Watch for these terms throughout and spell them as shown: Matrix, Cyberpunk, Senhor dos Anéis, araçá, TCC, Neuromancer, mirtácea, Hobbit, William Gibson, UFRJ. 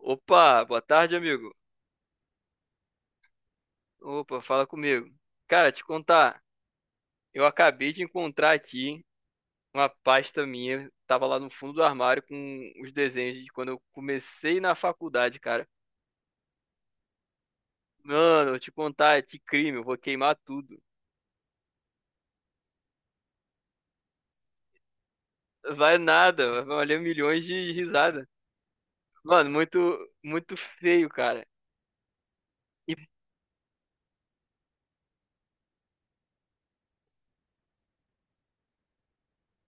Opa, boa tarde, amigo. Opa, fala comigo. Cara, te contar, eu acabei de encontrar aqui uma pasta minha, tava lá no fundo do armário com os desenhos de quando eu comecei na faculdade, cara. Mano, eu te contar, é de crime, eu vou queimar tudo. Vai nada, vai valer milhões de risada. Mano, muito, muito feio, cara. E-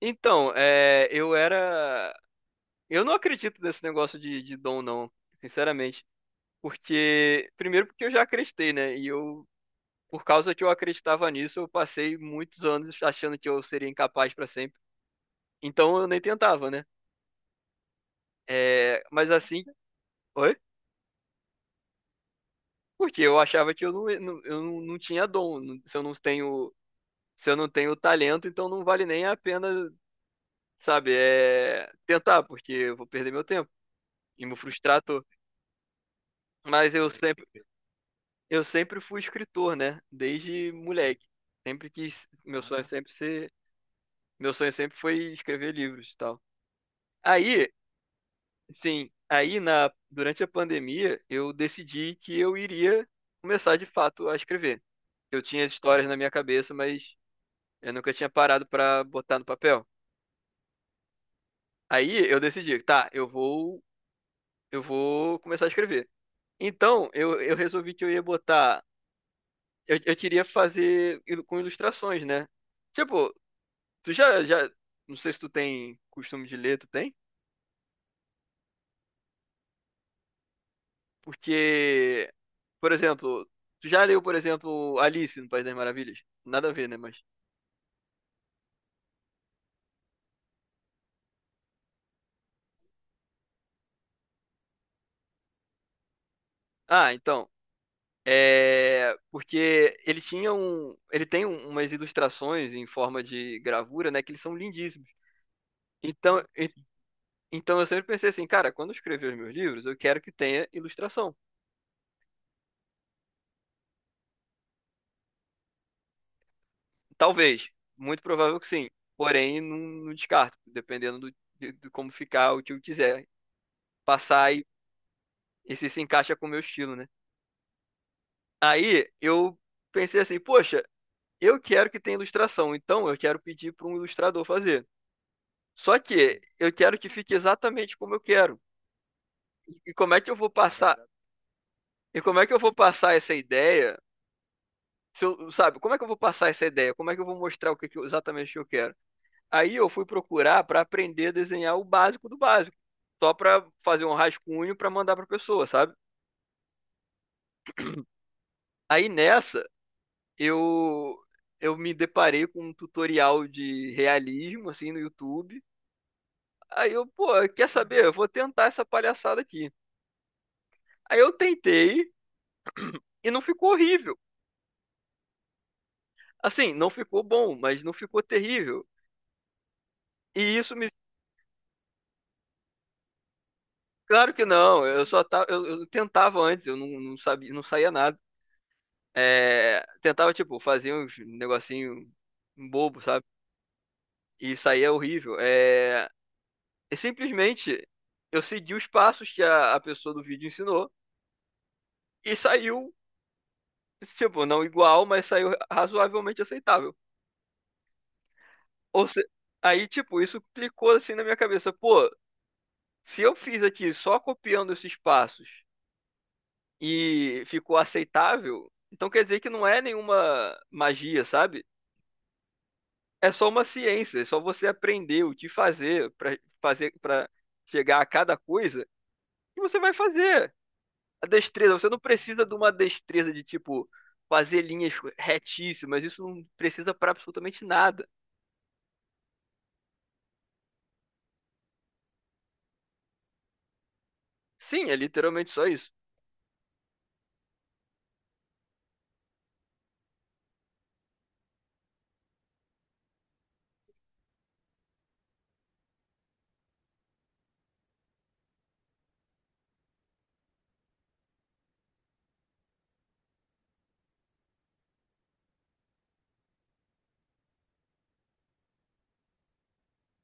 então, eu era. Eu não acredito nesse negócio de dom, não, sinceramente. Porque, primeiro, porque eu já acreditei, né? E eu por causa que eu acreditava nisso, eu passei muitos anos achando que eu seria incapaz para sempre. Então eu nem tentava, né? É, mas assim, oi? Porque eu achava que eu não tinha dom. Se eu não tenho, se eu não tenho talento, então não vale nem a pena, sabe, é, tentar, porque eu vou perder meu tempo e me frustrar à toa. Mas eu sempre fui escritor, né? Desde moleque. Sempre quis, meu sonho sempre ser, meu sonho sempre foi escrever livros e tal. Aí, sim, aí na, durante a pandemia eu decidi que eu iria começar de fato a escrever. Eu tinha as histórias na minha cabeça, mas eu nunca tinha parado para botar no papel. Aí eu decidi, tá, eu vou começar a escrever. Então eu resolvi que eu ia botar, eu queria fazer com ilustrações, né? Tipo, tu não sei se tu tem costume de ler, tu tem? Porque, por exemplo, tu já leu, por exemplo, Alice no País das Maravilhas? Nada a ver, né? Mas. Ah, então. É. Porque ele tinha um. Ele tem umas ilustrações em forma de gravura, né? Que eles são lindíssimos. Então, então eu sempre pensei assim, cara, quando eu escrever os meus livros, eu quero que tenha ilustração. Talvez. Muito provável que sim. Porém, não descarto, dependendo do, de como ficar, o que eu quiser passar e se se encaixa com o meu estilo, né? Aí eu pensei assim, poxa. Eu quero que tenha ilustração, então eu quero pedir para um ilustrador fazer. Só que eu quero que fique exatamente como eu quero. E como é que eu vou passar? E como é que eu vou passar essa ideia? Se eu- Sabe, como é que eu vou passar essa ideia? Como é que eu vou mostrar o que que eu- exatamente o que eu quero? Aí eu fui procurar para aprender a desenhar o básico do básico, só para fazer um rascunho para mandar para pessoa, sabe? Aí nessa eu eu me deparei com um tutorial de realismo assim no YouTube. Aí eu, pô, quer saber? Eu vou tentar essa palhaçada aqui. Aí eu tentei e não ficou horrível. Assim, não ficou bom, mas não ficou terrível. E isso me. Claro que não, eu só tava, eu tentava antes, eu não sabia, não saía nada. É, tentava, tipo, fazer uns negocinho bobo, sabe? E saía horrível. É, e simplesmente eu segui os passos que a pessoa do vídeo ensinou e saiu, tipo, não igual, mas saiu razoavelmente aceitável. Ou se... Aí, tipo, isso clicou assim na minha cabeça. Pô, se eu fiz aqui só copiando esses passos e ficou aceitável, então quer dizer que não é nenhuma magia, sabe? É só uma ciência, é só você aprender o que fazer para fazer para chegar a cada coisa e você vai fazer. A destreza, você não precisa de uma destreza de tipo fazer linhas retíssimas, isso não precisa para absolutamente nada. Sim, é literalmente só isso.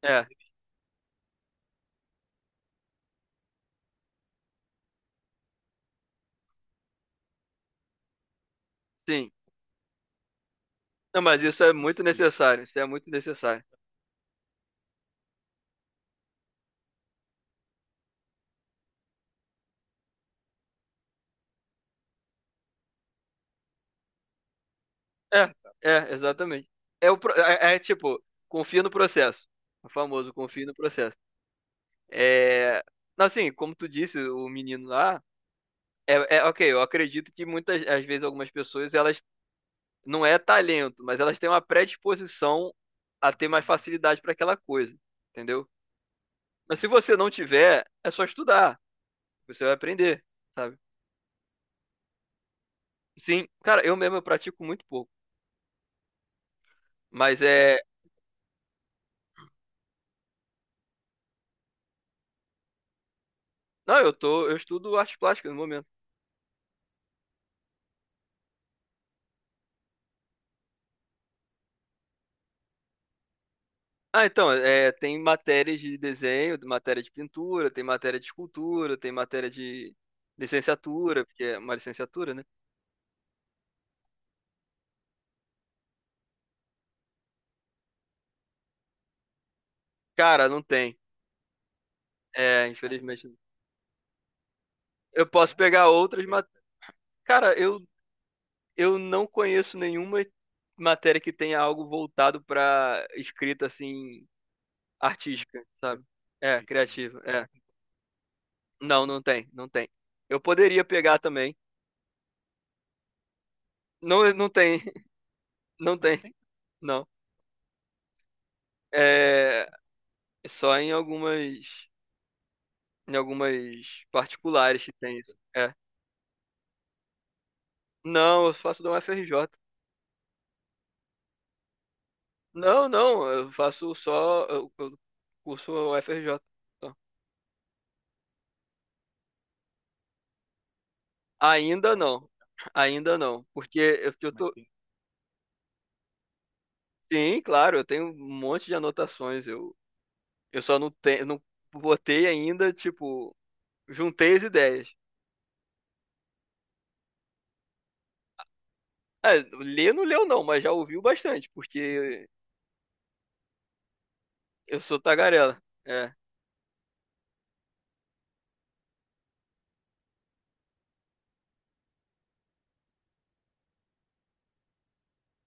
É, sim. Não, mas isso é muito necessário. Isso é muito necessário. É, é, exatamente. É, o, é, é, é tipo, confia no processo. O famoso confia no processo. É, assim, como tu disse, o menino lá, é, é ok, eu acredito que muitas, às vezes, algumas pessoas, elas não é talento, mas elas têm uma predisposição a ter mais facilidade para aquela coisa, entendeu? Mas se você não tiver, é só estudar. Você vai aprender, sabe? Sim, cara, eu mesmo eu pratico muito pouco. Mas é. Não, eu tô, eu estudo artes plásticas no momento. Ah, então, é, tem matérias de desenho, matéria de pintura, tem matéria de escultura, tem matéria de licenciatura, porque é uma licenciatura, né? Cara, não tem. É, infelizmente. Eu posso pegar outras, mas, cara, eu não conheço nenhuma matéria que tenha algo voltado pra escrita assim artística, sabe? É, criativa, é. Não, não tem, não tem. Eu poderia pegar também. Não, não tem, não tem. Não. É, só em algumas particulares que tem isso. É. Não, eu faço da UFRJ. Não, não, eu faço só, eu curso UFRJ. Só. Ainda não, ainda não, porque eu tô, sim, claro, eu tenho um monte de anotações, eu só não tenho, não botei ainda, tipo, juntei as ideias. É, ler não leu não, mas já ouviu bastante, porque eu sou tagarela. É.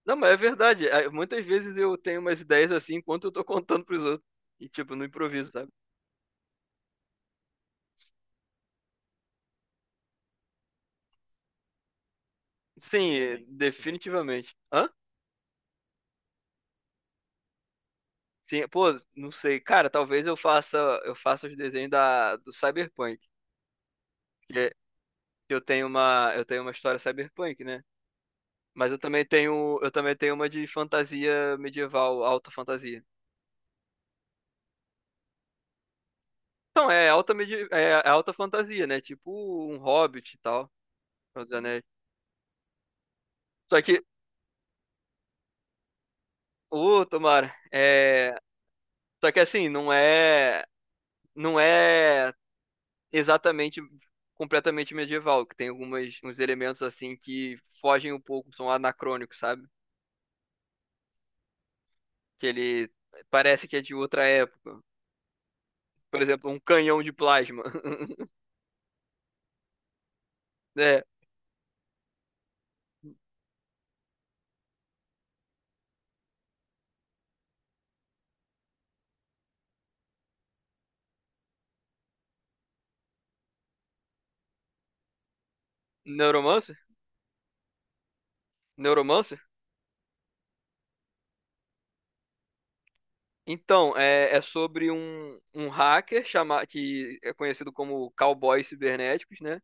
Não, mas é verdade. Ah, muitas vezes eu tenho umas ideias assim enquanto eu tô contando pros outros. E, tipo, no improviso, sabe? Sim, é, definitivamente. Hã? Sim, pô, não sei. Cara, talvez eu faça os desenhos da, do Cyberpunk. Porque eu tenho uma história Cyberpunk, né? Mas eu também tenho uma de fantasia medieval, alta fantasia. Então, é alta, medi é é alta fantasia, né? Tipo um Hobbit e tal. Senhor dos Anéis. Só que, ô, tomara, é... Só que assim, não é exatamente completamente medieval, que tem algumas uns elementos assim que fogem um pouco, são anacrônicos, sabe? Que ele parece que é de outra época. Por exemplo, um canhão de plasma. É, Neuromancer? Neuromancer? Então, é, é sobre um, um hacker chama, que é conhecido como cowboys cibernéticos, né?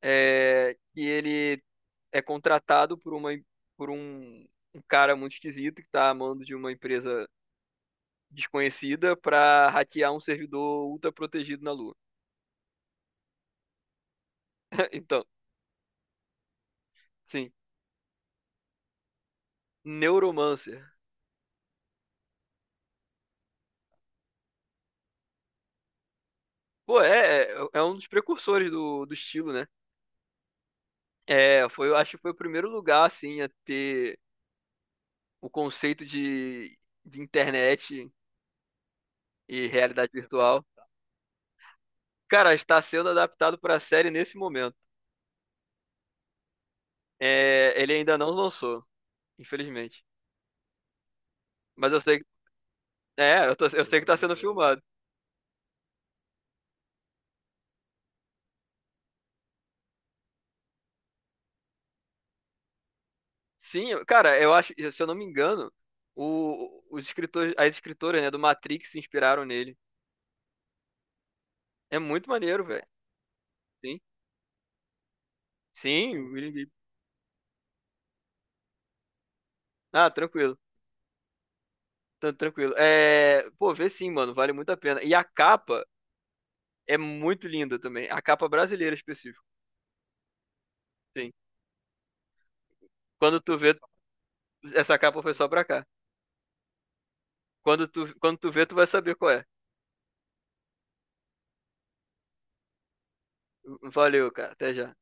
É, que ele é contratado por uma por um, um cara muito esquisito que tá amando de uma empresa desconhecida para hackear um servidor ultra protegido na Lua. Então, sim. Neuromancer. Pô, é, é um dos precursores do, do estilo, né? É, foi, eu acho que foi o primeiro lugar, assim, a ter o conceito de internet e realidade virtual. Cara, está sendo adaptado pra série nesse momento. É, ele ainda não lançou, infelizmente. Mas eu sei que, é, eu sei que tá sendo filmado. Sim, cara, eu acho, se eu não me engano, o, os escritores, as escritoras, né, do Matrix se inspiraram nele. É muito maneiro, velho. Sim, sim, o William Gibson. Ah, tranquilo, tá tranquilo. É, pô, vê sim, mano, vale muito a pena. E a capa é muito linda também, a capa brasileira específico. Sim. Quando tu vê, essa capa foi só pra cá. Quando quando tu vê, tu vai saber qual é. Valeu, cara, até já.